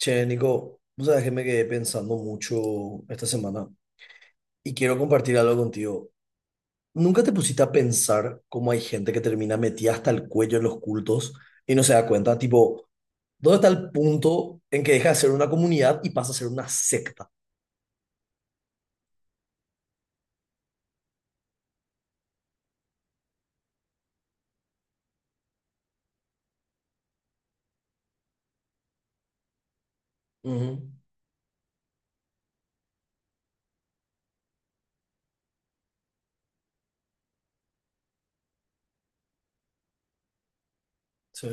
Che, Nico, vos sabés que me quedé pensando mucho esta semana y quiero compartir algo contigo. ¿Nunca te pusiste a pensar cómo hay gente que termina metida hasta el cuello en los cultos y no se da cuenta? Tipo, ¿dónde está el punto en que deja de ser una comunidad y pasa a ser una secta? Ujú, sí,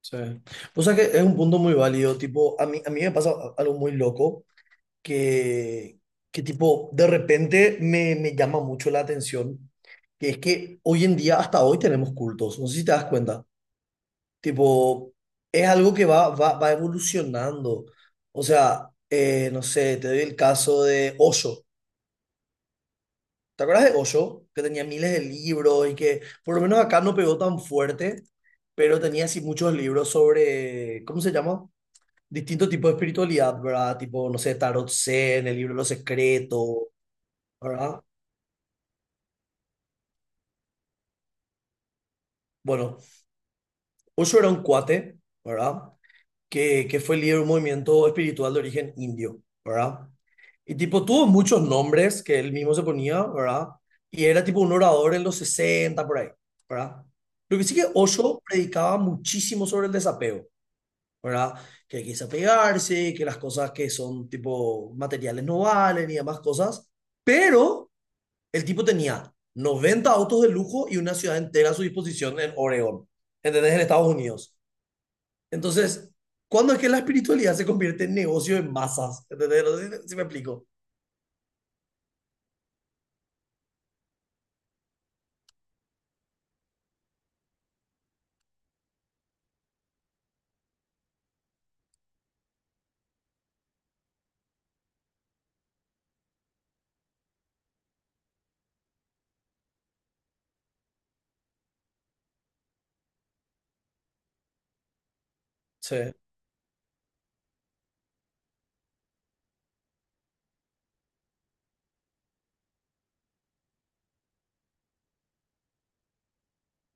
sí. O sea que es un punto muy válido. Tipo, a mí me pasa algo muy loco que, que tipo, de repente me llama mucho la atención, que es que hoy en día, hasta hoy tenemos cultos, no sé si te das cuenta, tipo, es algo que va evolucionando. O sea, no sé, te doy el caso de Osho. ¿Te acuerdas de Osho? Que tenía miles de libros y que por lo menos acá no pegó tan fuerte, pero tenía así muchos libros sobre, ¿cómo se llama? Distintos tipos de espiritualidad, ¿verdad? Tipo, no sé, Tarot Zen, el libro de los secretos, ¿verdad? Bueno, Osho era un cuate, ¿verdad? Que fue líder de un movimiento espiritual de origen indio, ¿verdad? Y tipo, tuvo muchos nombres que él mismo se ponía, ¿verdad? Y era tipo un orador en los 60 por ahí, ¿verdad? Lo que sí que Osho predicaba muchísimo sobre el desapego, ¿verdad? Que hay que desapegarse, que las cosas que son tipo materiales no valen y demás cosas. Pero el tipo tenía 90 autos de lujo y una ciudad entera a su disposición en Oregón, ¿entendés? En Estados Unidos. Entonces, ¿cuándo es que la espiritualidad se convierte en negocio en masas? ¿Entendés? No sé si me explico. Sí.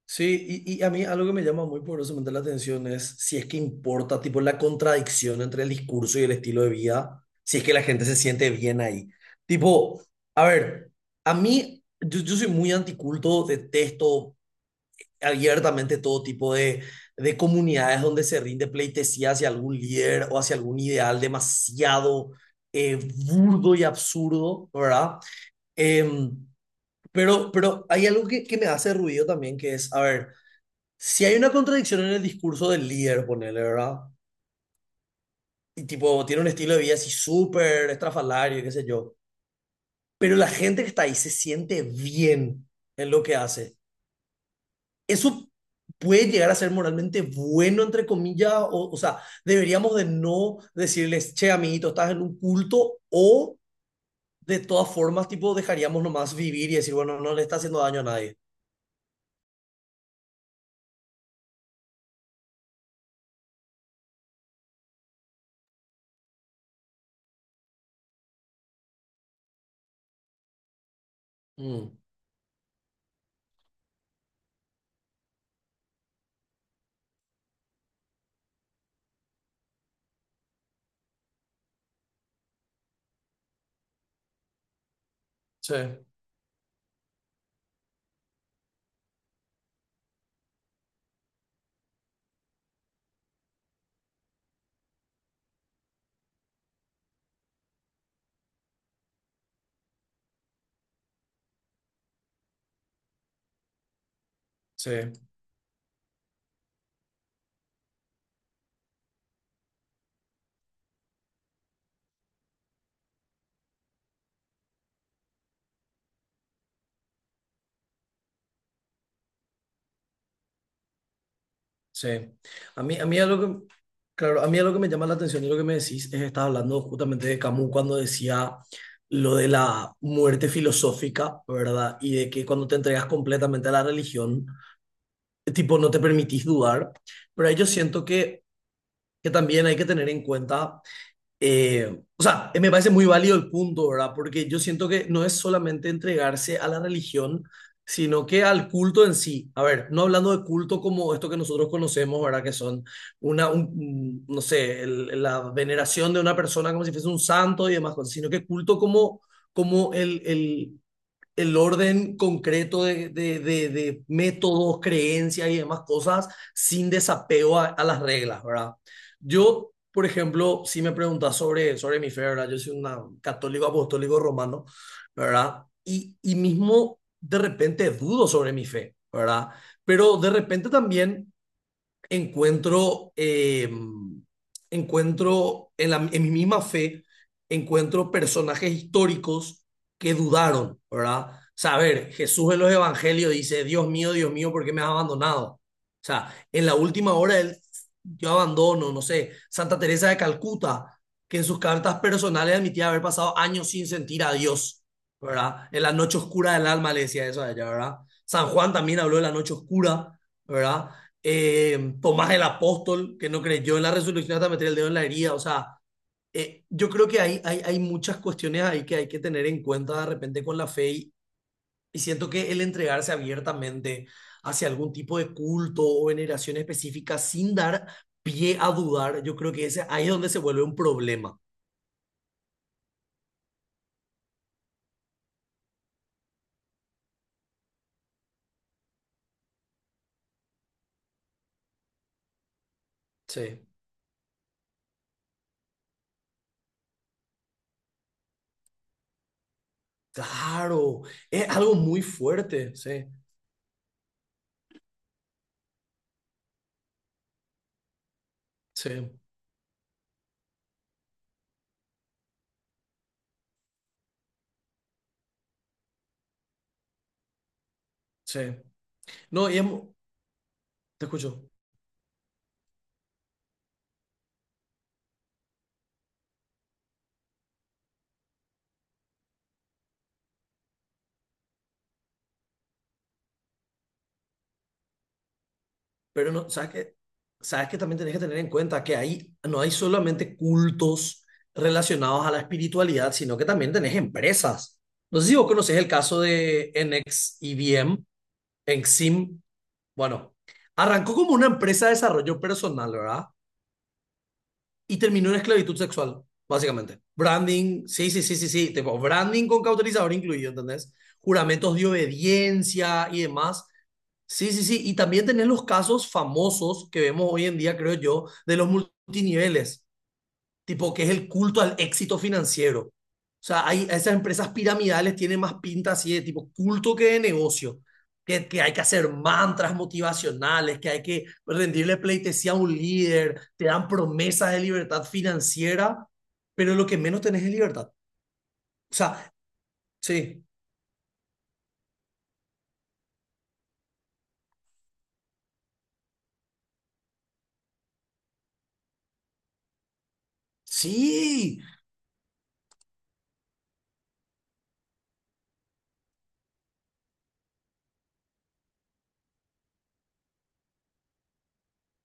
Sí, y a mí algo que me llama muy poderosamente la atención es si es que importa, tipo, la contradicción entre el discurso y el estilo de vida, si es que la gente se siente bien ahí. Tipo, a ver, a mí, yo soy muy anticulto, detesto abiertamente todo tipo de comunidades donde se rinde pleitesía hacia algún líder o hacia algún ideal demasiado eh, burdo y absurdo, ¿verdad? Em, pero hay algo que me hace ruido también, que es, a ver, si hay una contradicción en el discurso del líder, ponele, ¿verdad? Y tipo, tiene un estilo de vida así súper estrafalario, qué sé yo. Pero la gente que está ahí se siente bien en lo que hace. Eso puede llegar a ser moralmente bueno, entre comillas, o sea, deberíamos de no decirles, che, amiguito, estás en un culto, o de todas formas, tipo, dejaríamos nomás vivir y decir, bueno, no le está haciendo daño a nadie. Mm, sí, sí, sí. A mí es lo que, claro, a mí es lo que me llama la atención y lo que me decís es, estaba hablando justamente de Camus cuando decía lo de la muerte filosófica, ¿verdad? Y de que cuando te entregas completamente a la religión, tipo, no te permitís dudar, pero ahí yo siento que también hay que tener en cuenta, o sea, me parece muy válido el punto, ¿verdad? Porque yo siento que no es solamente entregarse a la religión, sino que al culto en sí. A ver, no hablando de culto como esto que nosotros conocemos, ¿verdad? Que son no sé, la veneración de una persona como si fuese un santo y demás cosas, sino que culto como, como el orden concreto de métodos, creencias y demás cosas sin desapego a las reglas, ¿verdad? Yo, por ejemplo, si me preguntas sobre, sobre mi fe, ¿verdad? Yo soy un católico apostólico romano, ¿verdad? Y mismo de repente dudo sobre mi fe, ¿verdad? Pero de repente también encuentro, encuentro en, en mi misma fe, encuentro personajes históricos que dudaron, ¿verdad? O sea, a ver, Jesús en los evangelios dice, Dios mío, ¿por qué me has abandonado? O sea, en la última hora él, yo abandono, no sé, Santa Teresa de Calcuta, que en sus cartas personales admitía haber pasado años sin sentir a Dios, ¿verdad? En la noche oscura del alma le decía eso a ella, ¿verdad? San Juan también habló de la noche oscura, ¿verdad? Tomás el apóstol, que no creyó en la resurrección hasta meter el dedo en la herida. O sea, yo creo que hay muchas cuestiones ahí que hay que tener en cuenta de repente con la fe y siento que el entregarse abiertamente hacia algún tipo de culto o veneración específica sin dar pie a dudar, yo creo que ahí es donde se vuelve un problema. Sí, claro, es algo muy fuerte, sí, sí, sí. No, y es mu- Te escucho. Pero no, sabes sabes que también tenés que tener en cuenta que ahí no hay solamente cultos relacionados a la espiritualidad, sino que también tenés empresas. No sé si vos conocés el caso de NXIBM, NXIM. Bueno, arrancó como una empresa de desarrollo personal, ¿verdad? Y terminó en esclavitud sexual, básicamente. Branding, sí, sí, sí, sí, sí, tipo branding con cauterizador incluido, ¿entendés? Juramentos de obediencia y demás. Sí, sí, sí. Y también tenés los casos famosos que vemos hoy en día, creo yo, de los multiniveles, tipo que es el culto al éxito financiero. O sea, hay esas empresas piramidales tienen más pinta así de tipo culto que de negocio, que hay que hacer mantras motivacionales, que hay que rendirle pleitesía a un líder, te dan promesas de libertad financiera, pero lo que menos tenés es libertad. O sea, sí, sí,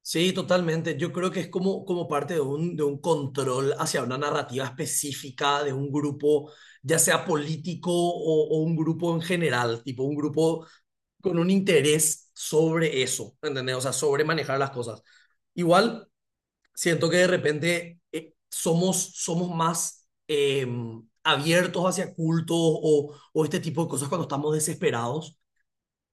sí, totalmente. Yo creo que es como, como parte de un control hacia una narrativa específica de un grupo, ya sea político o un grupo en general, tipo un grupo con un interés sobre eso, ¿entendés? O sea, sobre manejar las cosas. Igual, siento que de repente somos, somos más abiertos hacia cultos o este tipo de cosas cuando estamos desesperados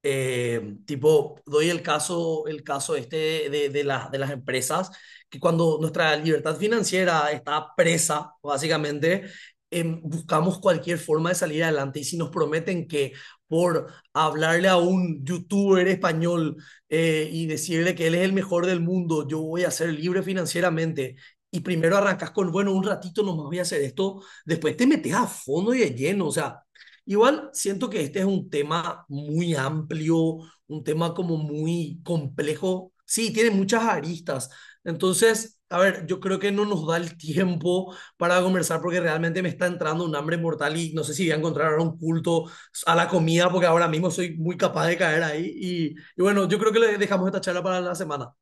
tipo, doy el caso este de, de las empresas, que cuando nuestra libertad financiera está presa, básicamente, buscamos cualquier forma de salir adelante. Y si nos prometen que por hablarle a un youtuber español y decirle que él es el mejor del mundo, yo voy a ser libre financieramente. Y primero arrancas con, bueno, un ratito nomás voy a hacer esto, después te metes a fondo y de lleno, o sea, igual siento que este es un tema muy amplio, un tema como muy complejo. Sí, tiene muchas aristas. Entonces, a ver, yo creo que no nos da el tiempo para conversar porque realmente me está entrando un hambre mortal y no sé si voy a encontrar ahora un culto a la comida porque ahora mismo soy muy capaz de caer ahí. Y bueno, yo creo que le dejamos esta charla para la semana.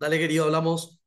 Dale, querido, hablamos.